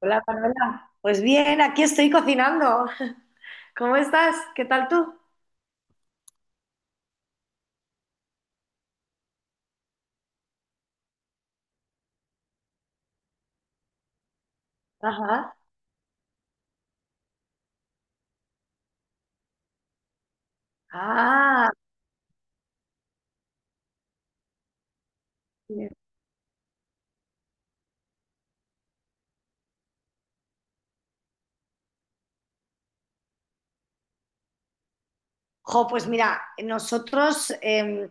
Hola, Manuela. Pues bien, aquí estoy cocinando. ¿Cómo estás? ¿Qué tal tú? Ajá. Ah, jo, pues mira, nosotros em,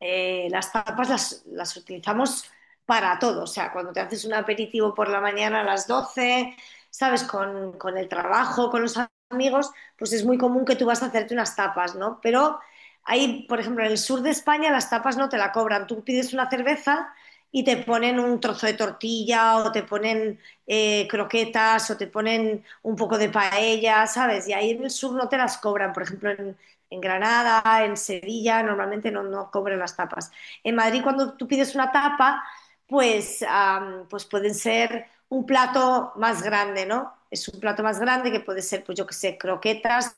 eh, las tapas las utilizamos para todo. O sea, cuando te haces un aperitivo por la mañana a las 12, ¿sabes? Con el trabajo, con los amigos, pues es muy común que tú vas a hacerte unas tapas, ¿no? Pero ahí, por ejemplo, en el sur de España las tapas no te la cobran. Tú pides una cerveza y te ponen un trozo de tortilla o te ponen croquetas o te ponen un poco de paella, ¿sabes? Y ahí en el sur no te las cobran. Por ejemplo, en Granada, en Sevilla, normalmente no cobran las tapas. En Madrid, cuando tú pides una tapa, pues pueden ser un plato más grande, ¿no? Es un plato más grande que puede ser, pues yo qué sé, croquetas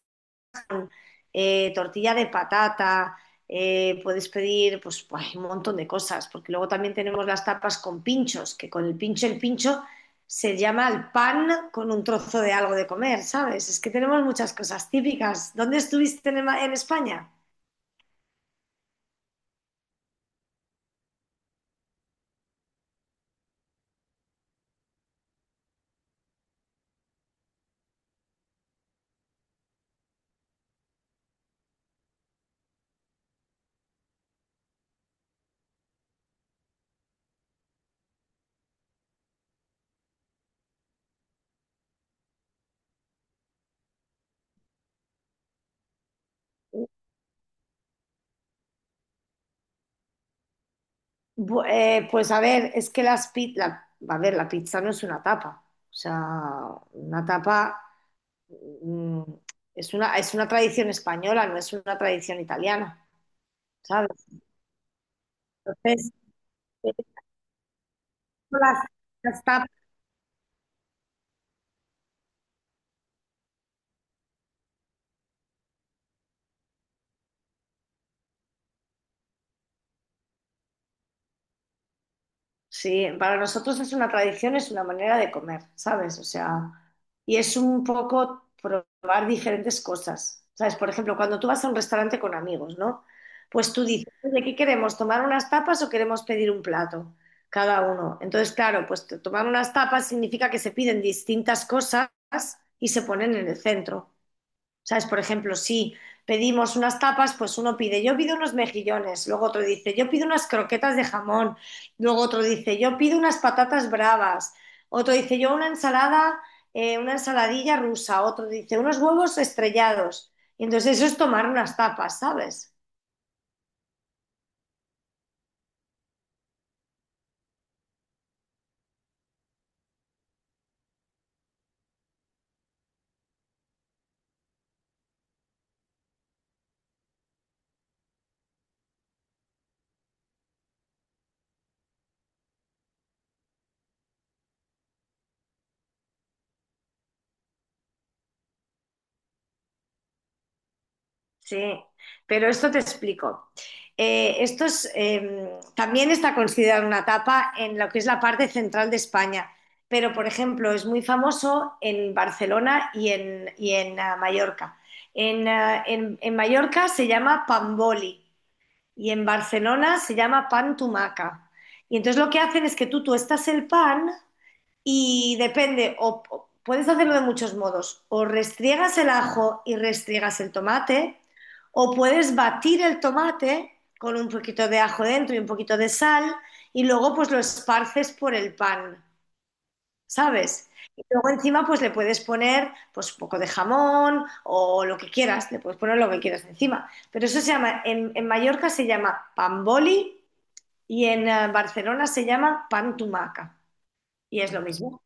eh, tortilla de patata, puedes pedir pues un montón de cosas, porque luego también tenemos las tapas con pinchos, que con el pincho se llama el pan con un trozo de algo de comer, ¿sabes? Es que tenemos muchas cosas típicas. ¿Dónde estuviste en España? Pues a ver, es que a ver, la pizza no es una tapa, o sea, una tapa mm, es una tradición española, no es una tradición italiana, ¿sabes? Entonces, Las- las tapas, sí, para nosotros es una tradición, es una manera de comer, ¿sabes? O sea, y es un poco probar diferentes cosas, ¿sabes? Por ejemplo, cuando tú vas a un restaurante con amigos, ¿no? Pues tú dices, ¿de qué queremos? ¿Tomar unas tapas o queremos pedir un plato? Cada uno. Entonces, claro, tomar unas tapas significa que se piden distintas cosas y se ponen en el centro. ¿Sabes? Por ejemplo, si pedimos unas tapas, pues uno pide, yo pido unos mejillones, luego otro dice, yo pido unas croquetas de jamón, luego otro dice, yo pido unas patatas bravas, otro dice, yo una ensalada, una ensaladilla rusa, otro dice, unos huevos estrellados. Y entonces eso es tomar unas tapas, ¿sabes? Sí, pero esto te explico. También está considerado una tapa en lo que es la parte central de España, pero por ejemplo es muy famoso en Barcelona y en Mallorca. En Mallorca se llama pamboli y en Barcelona se llama pan tumaca. Y entonces lo que hacen es que tú tuestas el pan y depende, o puedes hacerlo de muchos modos, o restriegas el ajo y restriegas el tomate, o puedes batir el tomate con un poquito de ajo dentro y un poquito de sal y luego pues lo esparces por el pan, ¿sabes? Y luego encima pues le puedes poner pues un poco de jamón o lo que quieras, le puedes poner lo que quieras encima. Pero eso se llama, en Mallorca se llama pan boli y en Barcelona se llama pan tumaca. Y es lo mismo.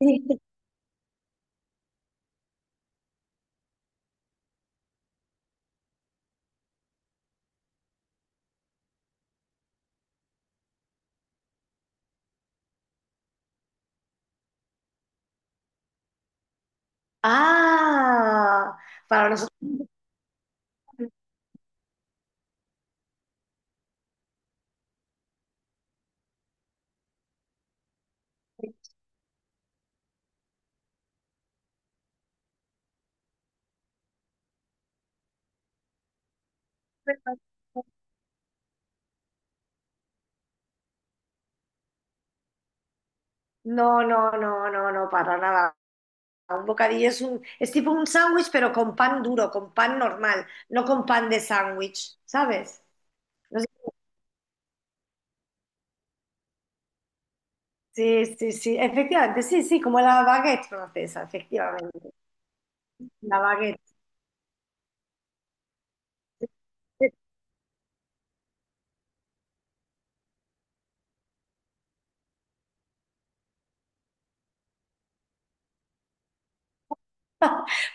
Sí. Ah, para nosotros. No, no, no, no, no, para nada. Un bocadillo es un, es tipo un sándwich, pero con pan duro, con pan normal, no con pan de sándwich, ¿sabes? No sé- Sí, sí, sí, efectivamente, sí, sí, como la baguette francesa, efectivamente, la baguette.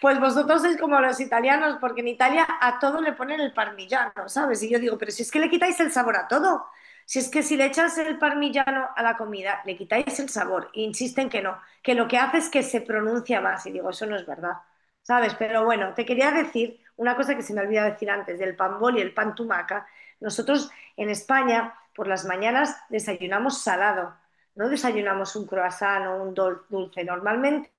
Pues vosotros sois como los italianos, porque en Italia a todo le ponen el parmigiano, ¿sabes? Y yo digo, pero si es que le quitáis el sabor a todo, si es que si le echas el parmigiano a la comida, le quitáis el sabor, e insisten que no, que lo que hace es que se pronuncia más, y digo, eso no es verdad, ¿sabes? Pero bueno, te quería decir una cosa que se me olvidó decir antes, del pan bol y el pan tumaca. Nosotros en España por las mañanas desayunamos salado, no desayunamos un croissant o un dulce, normalmente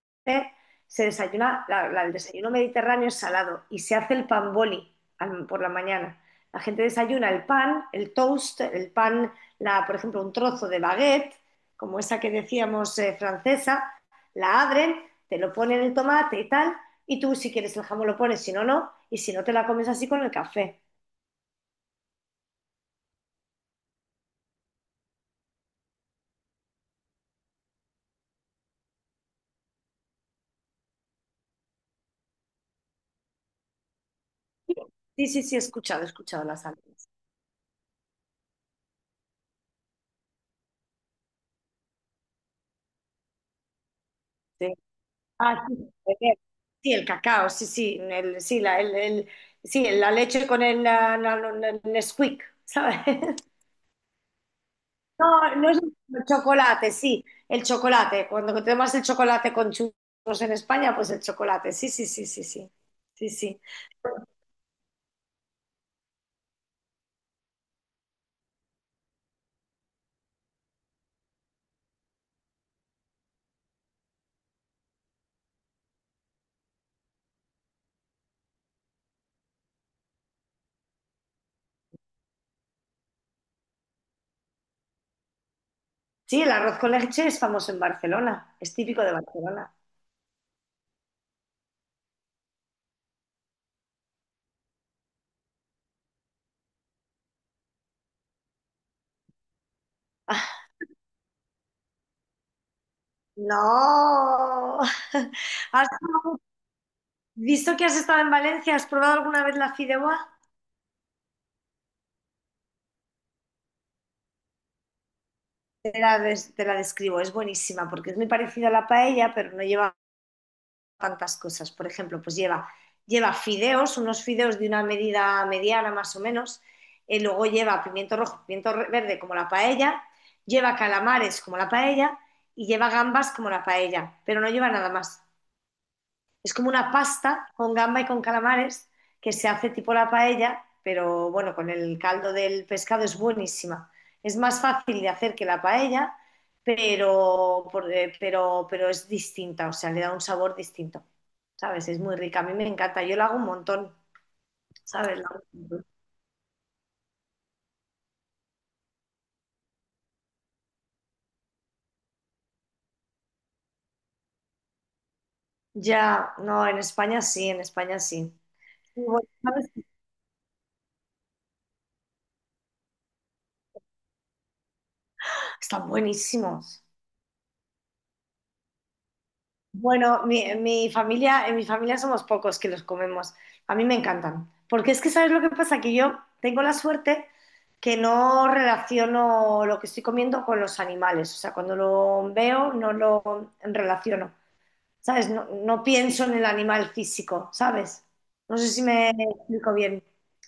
se desayuna, el desayuno mediterráneo es salado y se hace el pan boli por la mañana. La gente desayuna el pan, el toast, el pan, la, por ejemplo, un trozo de baguette, como esa que decíamos francesa, la abren, te lo ponen el tomate y tal, y tú si quieres el jamón lo pones, si no, no, y si no te la comes así con el café. Sí, sí, sí, he escuchado las sándwiches. Ah, sí, beber. Sí, el cacao, sí, sí, sí, la leche con el, la- la- el Nesquik, ¿sabes? No, no es el chocolate, sí, el chocolate. Cuando tenemos el chocolate con churros en España, pues el chocolate, sí, sí, sí, sí, sí, sí, sí. Sí, el arroz con leche es famoso en Barcelona, es típico de Barcelona. No, ¿has visto que has estado en Valencia? ¿Has probado alguna vez la fideuá? Te la, te la describo, es buenísima porque es muy parecida a la paella, pero no lleva tantas cosas. Por ejemplo, pues lleva, lleva fideos, unos fideos de una medida mediana más o menos, luego lleva pimiento rojo, pimiento verde como la paella, lleva calamares como la paella y lleva gambas como la paella, pero no lleva nada más. Es como una pasta con gamba y con calamares que se hace tipo la paella, pero bueno, con el caldo del pescado es buenísima. Es más fácil de hacer que la paella, pero, pero es distinta, o sea, le da un sabor distinto, ¿sabes? Es muy rica, a mí me encanta, yo la hago un montón, ¿sabes? La hago un montón. Ya, no, en España sí, en España sí. Y bueno, ¿sabes? Están buenísimos. Bueno, mi familia, en mi familia somos pocos que los comemos. A mí me encantan. Porque es que, ¿sabes lo que pasa? Que yo tengo la suerte que no relaciono lo que estoy comiendo con los animales. O sea, cuando lo veo, no lo relaciono. ¿Sabes? No pienso en el animal físico, ¿sabes? No sé si me explico bien.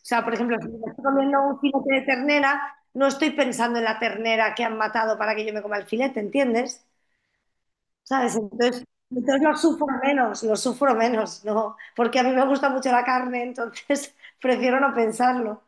O sea, por ejemplo, si me estoy comiendo un filete de ternera, no estoy pensando en la ternera que han matado para que yo me coma el filete, ¿entiendes? ¿Sabes? Entonces, entonces lo sufro menos, ¿no? Porque a mí me gusta mucho la carne, entonces prefiero no pensarlo.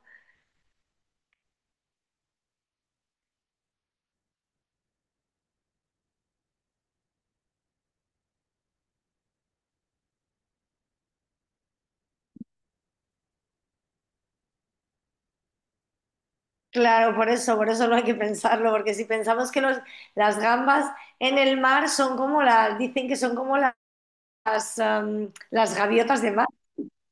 Claro, por eso no hay que pensarlo, porque si pensamos que los, las gambas en el mar son como las, dicen que son como las gaviotas de mar.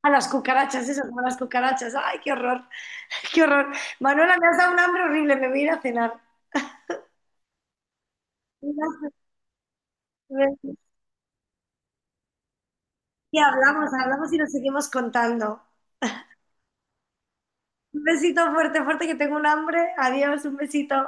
A las cucarachas, eso, como las cucarachas. ¡Ay, qué horror! ¡Qué horror! Manuela, me has dado un hambre horrible, me voy a ir a cenar. Y hablamos, hablamos y nos seguimos contando. Un besito fuerte, fuerte, que tengo un hambre. Adiós, un besito.